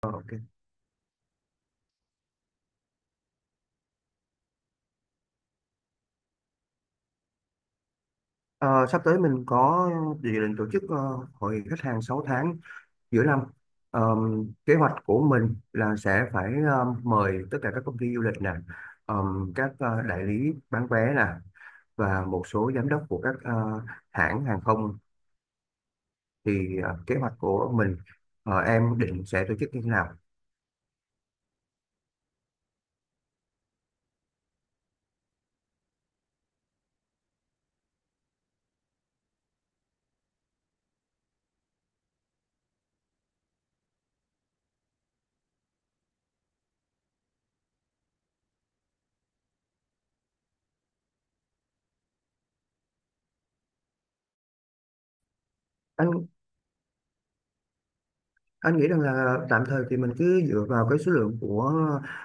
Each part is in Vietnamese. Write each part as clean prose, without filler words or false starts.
Ờ, ok. Ờ, Sắp tới mình có dự định tổ chức hội khách hàng 6 tháng giữa năm. Ờ, Kế hoạch của mình là sẽ phải mời tất cả các công ty du lịch nè, ờ, các đại lý bán vé nè và một số giám đốc của các hãng hàng không. Thì kế hoạch của mình em định sẽ tổ chức như thế nào? Anh anh nghĩ rằng là tạm thời thì mình cứ dựa vào cái số lượng của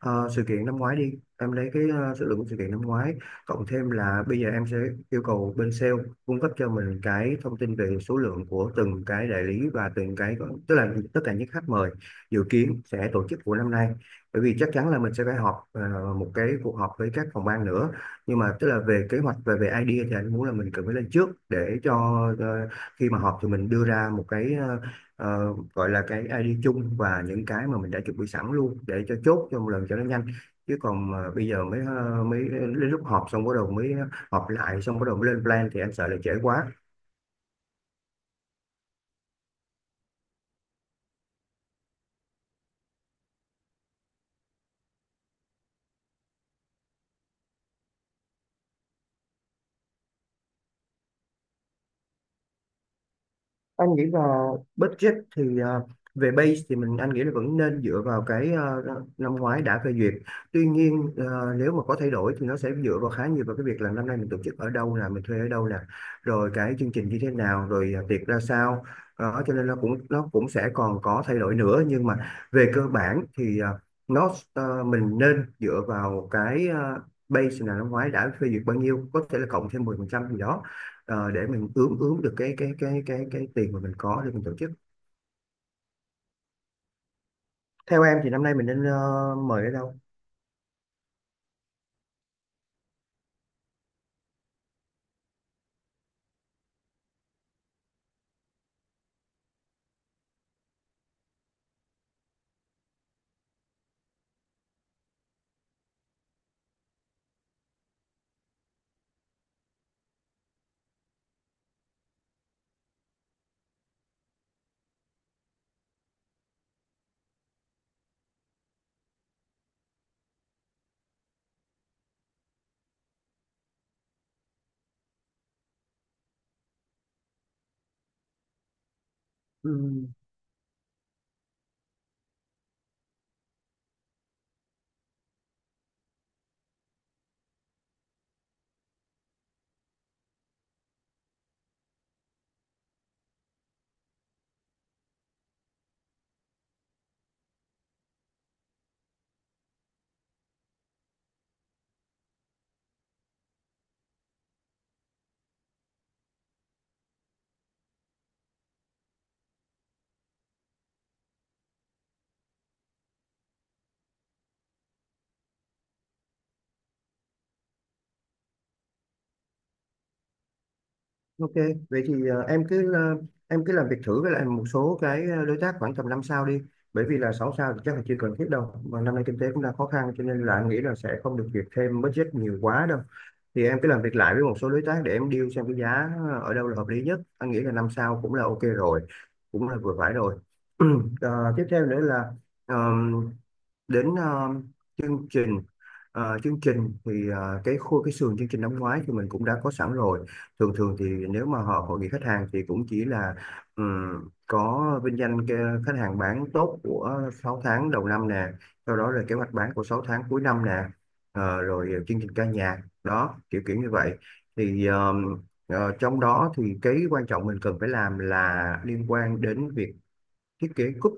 sự kiện năm ngoái đi, em lấy cái số lượng của sự kiện năm ngoái cộng thêm là bây giờ em sẽ yêu cầu bên sale cung cấp cho mình cái thông tin về số lượng của từng cái đại lý và từng cái, tức là tất cả những khách mời dự kiến sẽ tổ chức của năm nay. Bởi vì chắc chắn là mình sẽ phải họp một cái cuộc họp với các phòng ban nữa, nhưng mà tức là về kế hoạch và về idea thì anh muốn là mình cần phải lên trước để cho ờ, khi mà họp thì mình đưa ra một cái gọi là cái ID chung và những cái mà mình đã chuẩn bị sẵn luôn để cho chốt cho một lần cho nó nhanh, chứ còn mà bây giờ mới mới đến lúc họp xong bắt đầu mới họp lại xong bắt đầu mới lên plan thì anh sợ là trễ quá. Anh nghĩ là budget thì về base thì mình anh nghĩ là vẫn nên dựa vào cái năm ngoái đã phê duyệt, tuy nhiên nếu mà có thay đổi thì nó sẽ dựa vào khá nhiều vào cái việc là năm nay mình tổ chức ở đâu nè, mình thuê ở đâu nè, rồi cái chương trình như thế nào, rồi tiệc ra sao. Đó cho nên nó cũng sẽ còn có thay đổi nữa, nhưng mà về cơ bản thì nó mình nên dựa vào cái base là năm ngoái đã phê duyệt bao nhiêu, có thể là cộng thêm 10% gì đó, để mình ướm ướm được cái tiền mà mình có để mình tổ chức. Theo em thì năm nay mình nên mời ở đâu? Ừm, ok. Vậy thì em cứ làm việc thử với lại một số cái đối tác khoảng tầm 5 sao đi, bởi vì là 6 sao thì chắc là chưa cần thiết đâu, mà năm nay kinh tế cũng đang khó khăn, cho nên là anh nghĩ là sẽ không được duyệt thêm budget nhiều quá đâu. Thì em cứ làm việc lại với một số đối tác để em deal xem cái giá ở đâu là hợp lý nhất, anh nghĩ là 5 sao cũng là ok rồi, cũng là vừa phải rồi. Tiếp theo nữa là đến chương trình. Cái khối cái sườn chương trình năm ngoái thì mình cũng đã có sẵn rồi. Thường thường thì nếu mà họ hội nghị khách hàng thì cũng chỉ là có vinh danh cái khách hàng bán tốt của 6 tháng đầu năm nè, sau đó là kế hoạch bán của 6 tháng cuối năm nè, rồi chương trình ca nhạc đó, kiểu kiểu như vậy. Thì trong đó thì cái quan trọng mình cần phải làm là liên quan đến việc thiết kế cúp.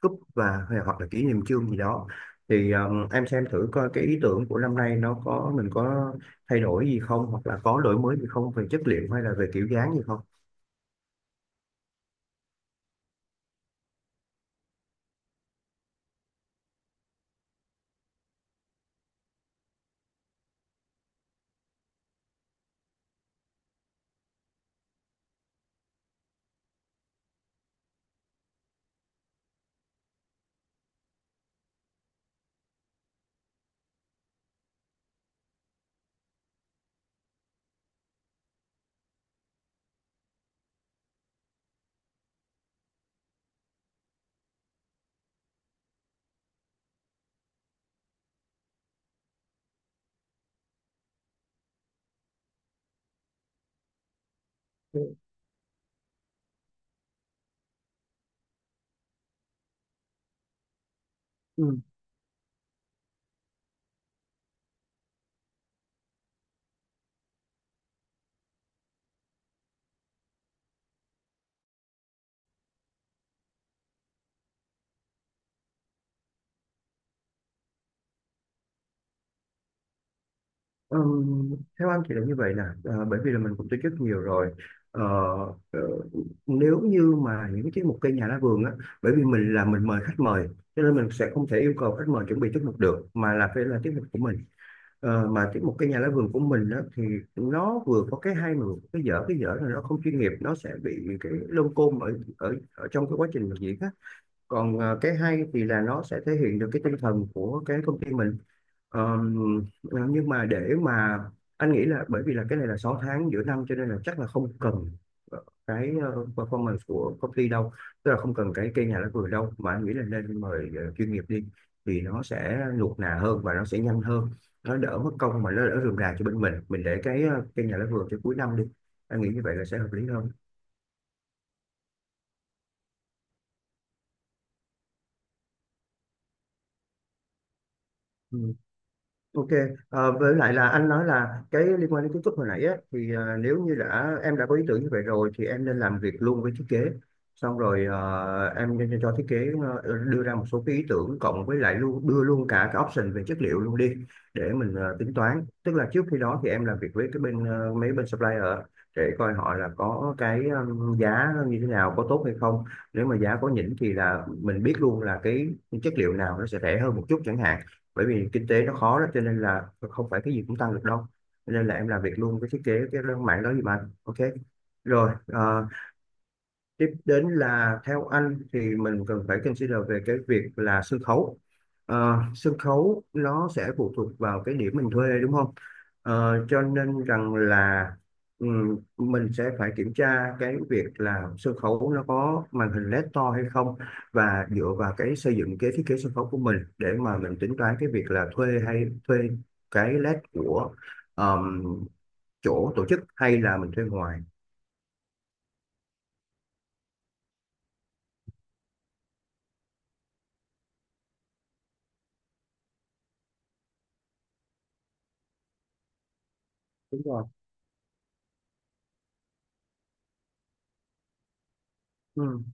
Hoặc là kỷ niệm chương gì đó, thì em xem thử coi cái ý tưởng của năm nay nó có, mình có thay đổi gì không hoặc là có đổi mới gì không về chất liệu hay là về kiểu dáng gì không. Ừ. Theo anh thì là như vậy nè. Ờ, Bởi vì là mình cũng tổ chức nhiều rồi. Ờ, ờ, Nếu như mà những cái tiết mục cây nhà lá vườn á, bởi vì mình là mình mời khách mời, cho nên mình sẽ không thể yêu cầu khách mời chuẩn bị tiết mục được, mà là phải là tiết mục của mình. Mà tiếp một cái nhà lá vườn của mình á, thì nó vừa có cái hay mà vừa có cái dở. Cái dở là nó không chuyên nghiệp, nó sẽ bị cái lông côm ở ở ở trong cái quá trình làm diễn á, còn cái hay thì là nó sẽ thể hiện được cái tinh thần của cái công ty mình. Ờ, nhưng mà để mà anh nghĩ là bởi vì là cái này là 6 tháng giữa năm, cho nên là chắc là không cần cái performance của công ty đâu, tức là không cần cái cây nhà lá vườn đâu, mà anh nghĩ là nên mời chuyên nghiệp đi, thì nó sẽ nuột nà hơn và nó sẽ nhanh hơn, nó đỡ mất công mà nó đỡ rườm rà cho bên mình. Mình để cái cây nhà lá vườn cho cuối năm đi, anh nghĩ như vậy là sẽ hợp lý hơn. Ok, với lại là anh nói là cái liên quan đến kiến trúc hồi nãy á, thì nếu như đã em đã có ý tưởng như vậy rồi thì em nên làm việc luôn với thiết kế. Xong rồi em nên cho thiết kế đưa ra một số cái ý tưởng cộng với lại luôn đưa luôn cả cái option về chất liệu luôn đi, để mình tính toán. Tức là trước khi đó thì em làm việc với cái bên mấy bên supplier để coi họ là có cái giá như thế nào, có tốt hay không. Nếu mà giá có nhỉnh thì là mình biết luôn là cái chất liệu nào nó sẽ rẻ hơn một chút chẳng hạn, bởi vì kinh tế nó khó đó cho nên là không phải cái gì cũng tăng được đâu. Cho nên là em làm việc luôn cái thiết kế cái mảng đó gì mà, ok rồi. Ờ, Tiếp đến là theo anh thì mình cần phải consider về cái việc là sân khấu. Sân khấu nó sẽ phụ thuộc vào cái điểm mình thuê, đúng không? Cho nên rằng là mình sẽ phải kiểm tra cái việc là sân khấu nó có màn hình LED to hay không, và dựa vào cái xây dựng cái thiết kế sân khấu của mình để mà mình tính toán cái việc là thuê hay thuê cái LED của ờm, chỗ tổ chức hay là mình thuê ngoài. Đúng rồi. Ừ.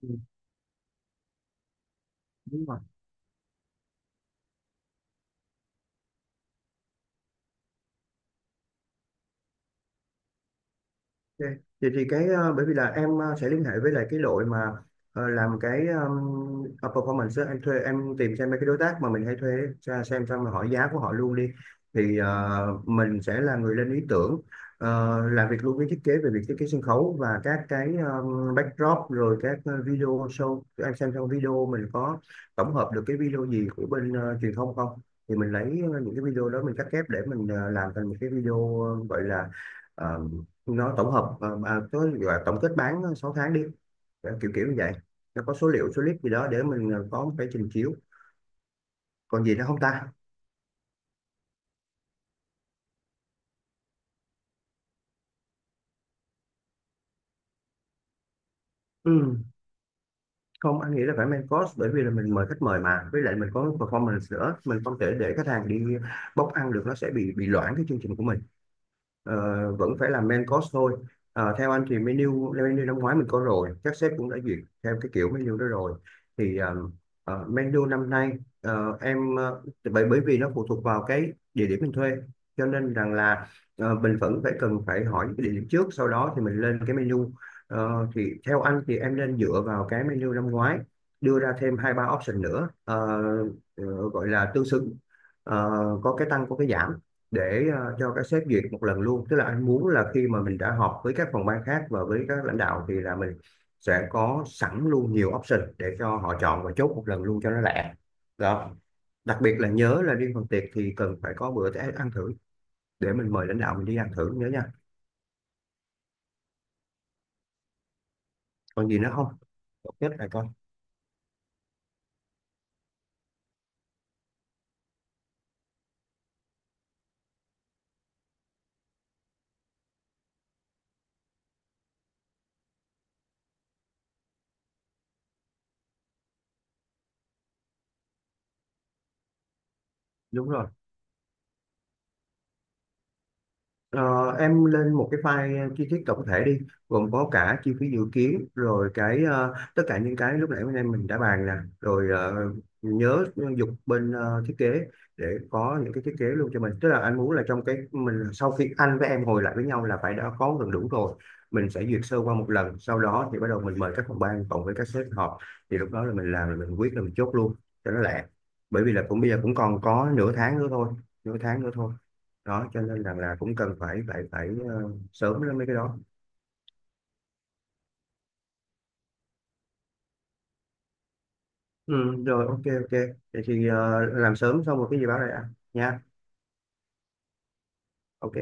Ừ, đúng rồi. Ok. Vậy thì cái bởi vì là em sẽ liên hệ với lại cái đội mà làm cái performance á. Em thuê, em tìm xem mấy cái đối tác mà mình hay thuê ra xem, xong rồi hỏi giá của họ luôn đi. Thì mình sẽ là người lên ý tưởng, làm việc luôn với thiết kế về việc thiết kế sân khấu và các cái backdrop, rồi các video show. Em xem trong video mình có tổng hợp được cái video gì của bên truyền thông không, thì mình lấy những cái video đó mình cắt ghép để mình làm thành một cái video, gọi là nó tổng hợp, có gọi là tổng kết bán 6 tháng đi. Kiểu kiểu như vậy, nó có số liệu số clip gì đó để mình có một cái trình chiếu. Còn gì nữa không ta? Ừ. Không, anh nghĩ là phải main course, bởi vì là mình mời khách mời mà với lại mình có performance nữa, mình không thể để khách hàng đi bốc ăn được, nó sẽ bị loãng cái chương trình của mình. Ờ, Vẫn phải là main course thôi. Theo anh thì menu, năm ngoái mình có rồi, các sếp cũng đã duyệt theo cái kiểu menu đó rồi, thì menu năm nay em bởi bởi vì nó phụ thuộc vào cái địa điểm mình thuê, cho nên rằng là mình vẫn phải cần phải hỏi cái địa điểm trước, sau đó thì mình lên cái menu. Thì theo anh thì em nên dựa vào cái menu năm ngoái, đưa ra thêm hai ba option nữa, gọi là tương xứng. Ờ, có cái tăng có cái giảm, để cho các sếp duyệt một lần luôn. Tức là anh muốn là khi mà mình đã họp với các phòng ban khác và với các lãnh đạo thì là mình sẽ có sẵn luôn nhiều option để cho họ chọn và chốt một lần luôn cho nó lẹ. Đó, đặc biệt là nhớ là riêng phần tiệc thì cần phải có bữa ăn thử, để mình mời lãnh đạo mình đi ăn thử, nhớ nha. Còn gì nữa không? Tốt nhất là con, đúng rồi. Ờ, em lên một cái file chi tiết tổng thể đi, gồm có cả chi phí dự kiến rồi cái tất cả những cái lúc nãy bên em mình đã bàn nè, rồi nhớ dục bên thiết kế để có những cái thiết kế luôn cho mình. Tức là anh muốn là trong cái mình sau khi anh với em ngồi lại với nhau là phải đã có gần đủ rồi, mình sẽ duyệt sơ qua một lần, sau đó thì bắt đầu mình mời các phòng ban cộng với các sếp họp, thì lúc đó là mình làm là mình quyết là mình chốt luôn cho nó lẹ. Bởi vì là cũng bây giờ cũng còn có nửa tháng nữa thôi, nửa tháng nữa thôi. Đó cho nên rằng là cũng cần phải phải phải ờ, sớm lên mấy cái đó. Ừ, rồi, ok ok. Vậy thì làm sớm xong một cái gì báo lại ạ nha. Ok.